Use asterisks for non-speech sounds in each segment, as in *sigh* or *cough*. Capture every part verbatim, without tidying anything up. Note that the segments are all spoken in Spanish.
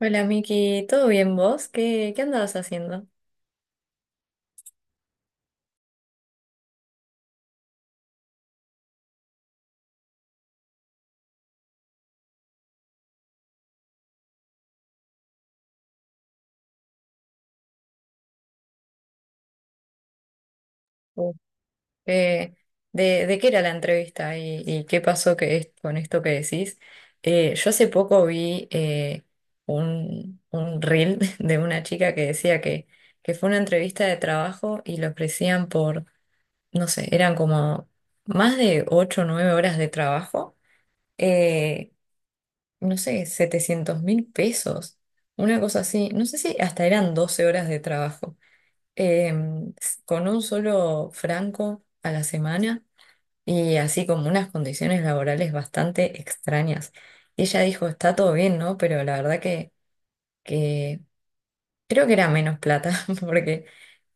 Hola Miki, ¿todo bien vos? ¿Qué, qué andabas haciendo? ¿O qué- de, de qué era la entrevista y, y qué pasó que es- con esto que decís? Eh, yo hace poco vi eh, un, un reel *laughs* de una chica que decía que, que fue una entrevista de trabajo y le ofrecían por, no sé, eran como más de ocho o nueve horas de trabajo, eh, no sé, setecientos mil pesos, una cosa así, no sé si hasta eran doce horas de trabajo. em, con un solo franco a la semana y así como unas condiciones laborales bastante extrañas. Y ella dijo, está todo bien, ¿no? Pero la verdad que, que creo que era menos plata, *laughs* porque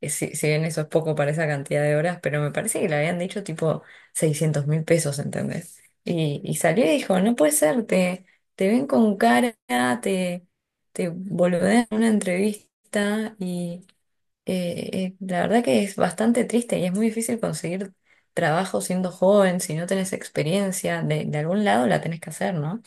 eh, si, si bien eso es poco para esa cantidad de horas, pero me parece que le habían dicho tipo seiscientos mil pesos, ¿entendés? Y, y salió y dijo, no puede ser, te, te ven con cara, te, te boludean en una entrevista y eh, eh, la verdad que es bastante triste y es muy difícil conseguir trabajo siendo joven, si no tenés experiencia, de, de algún lado la tenés que hacer, ¿no?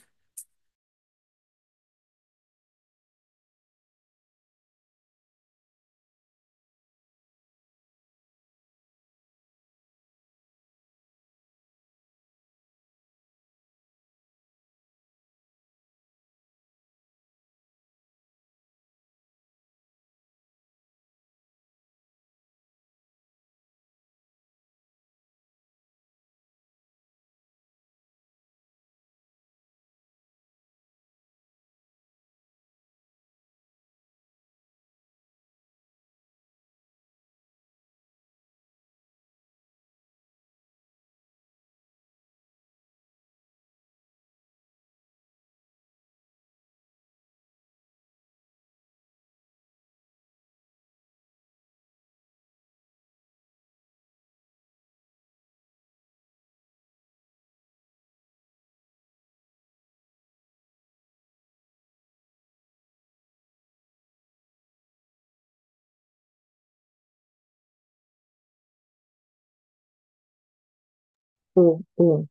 Uh, uh,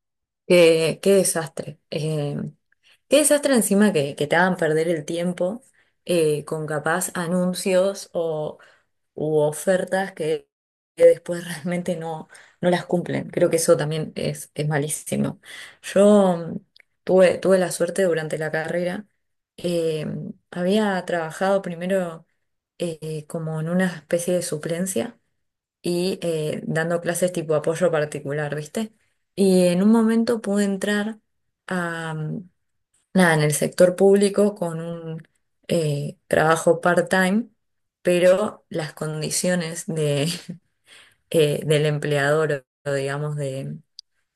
Qué, qué desastre. Eh, qué desastre encima que, que te hagan perder el tiempo eh, con capaz anuncios o u ofertas que, que después *laughs* realmente no, no las cumplen. Creo que eso también es, es malísimo. Yo mm, tuve, tuve la suerte durante la carrera, eh, había trabajado primero eh, como en una especie de suplencia y eh, dando clases tipo apoyo particular, ¿viste? Y en un momento pude entrar a mm, nada, en el sector público con un eh, trabajo part-time, pero las condiciones de, *laughs* eh, del empleador, o digamos, de...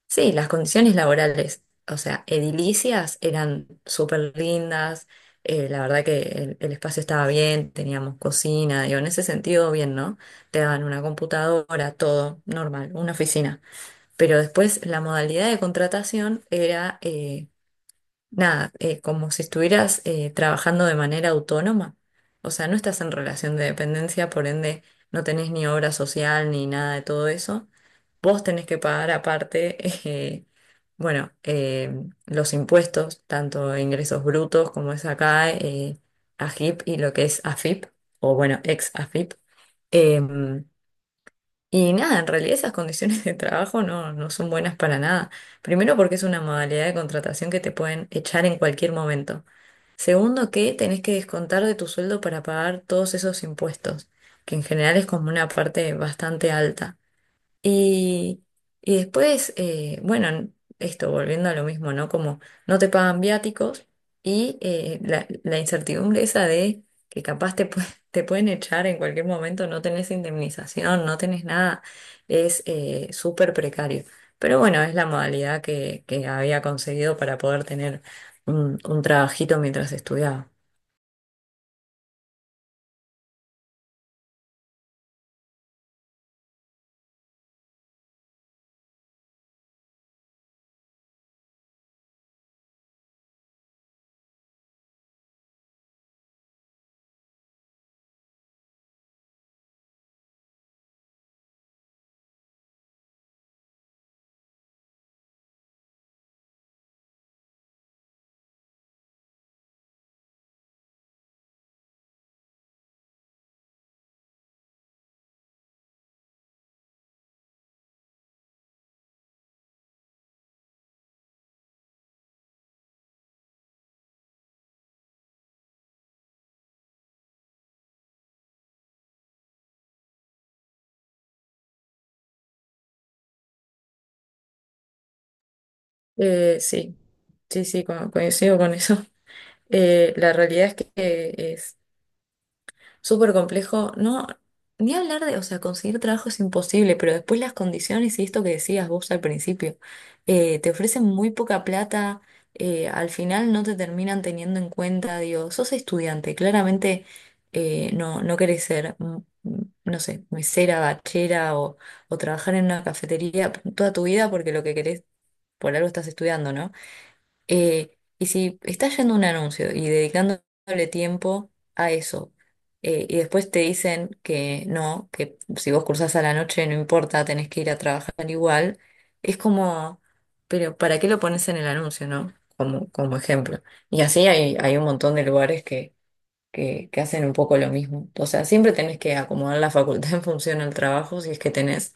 Sí, las condiciones laborales, o sea, edilicias eran súper lindas, eh, la verdad que el, el espacio estaba bien, teníamos cocina, digo, en ese sentido bien, ¿no? Te daban una computadora, todo normal, una oficina. Pero después la modalidad de contratación era... eh, nada, eh, como si estuvieras eh, trabajando de manera autónoma. O sea, no estás en relación de dependencia, por ende no tenés ni obra social ni nada de todo eso. Vos tenés que pagar aparte, *laughs* eh, bueno, eh, los impuestos, tanto ingresos brutos como es acá, eh, A G I P y lo que es A F I P, o bueno, ex A F I P. Em, y nada, en realidad esas condiciones de trabajo no, no son buenas para nada. Primero porque es una modalidad de contratación que te pueden echar en cualquier momento. Segundo que tenés que descontar de tu sueldo para pagar todos esos impuestos, que en general es como una parte bastante alta. Y, y después, eh, bueno, esto volviendo a lo mismo, ¿no? Como no te pagan viáticos y eh, la, la incertidumbre esa de que capaz te, pue- *laughs* te pueden echar en cualquier momento, no tenés indemnización, no tenés nada, es eh, súper precario. Pero bueno, es la modalidad que, que había conseguido para poder tener un, un trabajito mientras estudiaba. Eh, sí, sí, sí, co- coincido con eso. Eh, la realidad es que es súper complejo. No, ni hablar de, o sea, conseguir trabajo es imposible, pero después las condiciones y esto que decías vos al principio, eh, te ofrecen muy poca plata, eh, al final no te terminan teniendo en cuenta, digo, sos estudiante, claramente eh, no, no querés ser, mm, mm, no sé, mesera, bachera o, o trabajar en una cafetería toda tu vida porque lo que querés, por algo estás estudiando, ¿no? Eh, y si estás yendo a un anuncio y dedicándole tiempo a eso, eh, y después te dicen que no, que si vos cursás a la noche no importa, tenés que ir a trabajar igual, es como, pero ¿para qué lo pones en el anuncio, no? Como, como ejemplo. Y así hay, hay un montón de lugares que, que, que hacen un poco lo mismo. O sea, siempre tenés que acomodar la facultad en función al trabajo, si es que tenés,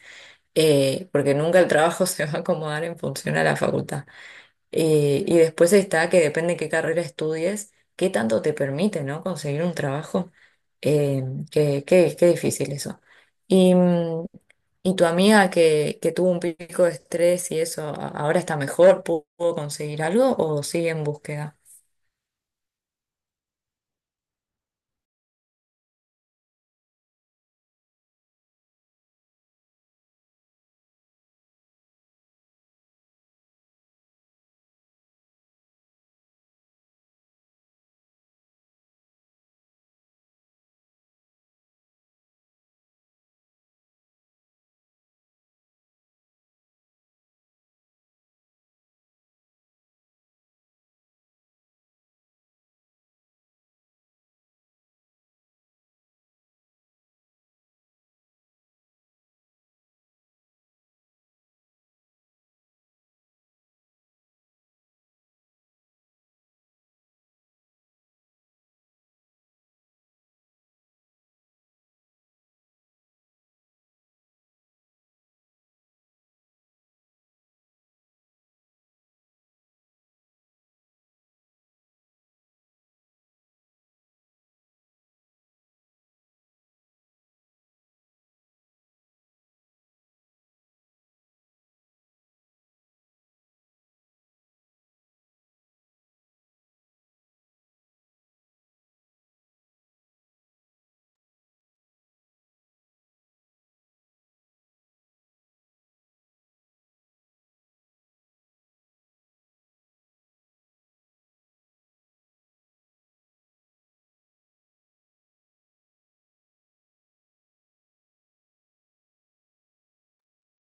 eh, porque nunca el trabajo *laughs* se va a acomodar en función a la facultad. Eh, y después está que depende de qué carrera estudies, qué tanto te permite, ¿no? Conseguir un trabajo. Eh, qué, qué- Qué difícil eso. Y, mm, y tu amiga que, que tuvo un pico de estrés y eso, ¿a- ¿ahora está mejor? ¿Pu- ¿Pudo conseguir algo o sigue en búsqueda?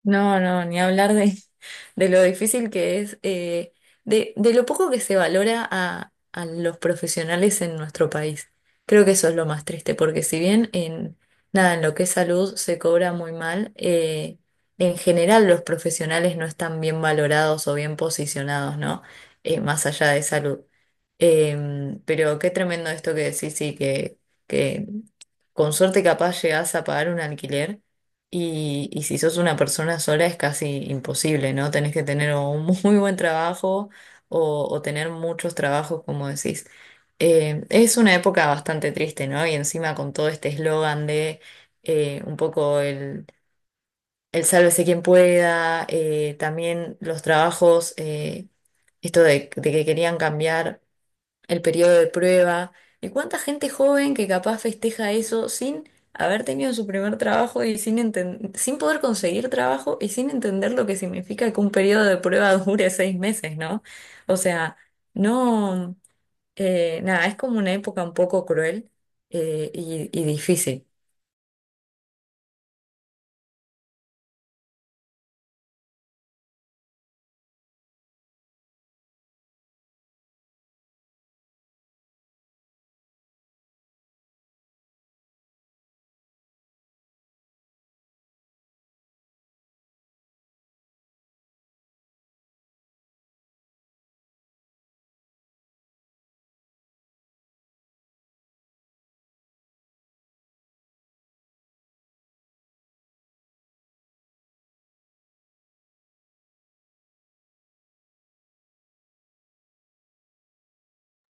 No, no, ni hablar de, de lo difícil que es, eh, de, de lo poco que se valora a, a los profesionales en nuestro país. Creo que eso es lo más triste, porque si bien en, nada, en lo que es salud se cobra muy mal, eh, en general los profesionales no están bien valorados o bien posicionados, ¿no? Eh, más allá de salud. Em, pero qué tremendo esto que decís, sí, que, que con suerte capaz llegás a pagar un alquiler y, y si sos una persona sola es casi imposible, ¿no? Tenés que tener o un *laughs* muy buen trabajo o, o tener muchos trabajos, como decís. Eh, es una época bastante triste, ¿no? Y encima con todo este eslogan de eh, un poco el, el sálvese quien pueda, eh, también los trabajos, eh, esto de, de que querían cambiar el periodo de prueba, de cuánta gente joven que capaz festeja eso sin haber tenido su primer trabajo y sin enten- sin poder conseguir trabajo y sin entender lo que significa que un periodo de prueba *laughs* dure seis meses, ¿no? O sea, no, eh, nada, es como una época un poco cruel eh, y, y difícil.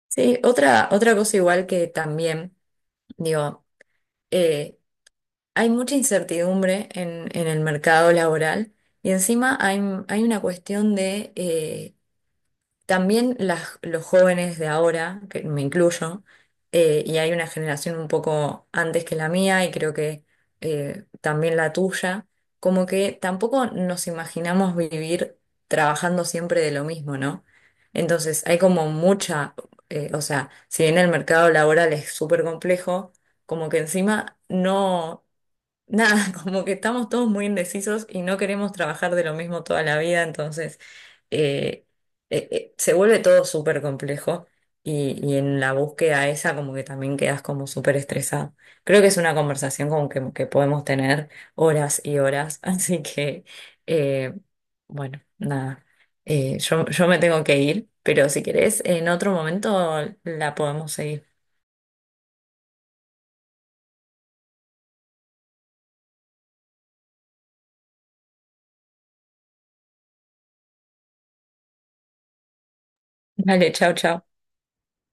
Sí, otra, otra cosa igual que también, digo, eh, hay mucha incertidumbre en, en el mercado laboral. Y encima hay, hay una cuestión de eh, también las, los jóvenes de ahora, que me incluyo, eh, y hay una generación un poco antes que la mía y creo que eh, también la tuya, como que tampoco nos imaginamos vivir trabajando siempre de lo mismo, ¿no? Entonces hay como mucha, eh, o sea, si bien el mercado laboral es súper complejo, como que encima no nada, *laughs* como que estamos todos muy indecisos y no queremos trabajar de lo mismo toda la vida, entonces eh, eh, eh, se vuelve todo súper complejo y, y en la búsqueda esa como que también quedas como súper estresado. Creo que es una conversación como que, que podemos tener horas y horas, *laughs* así que eh, bueno, nada, Eh, yo, yo me tengo que ir, pero si querés en otro momento la podemos seguir. Vale, chao, chao.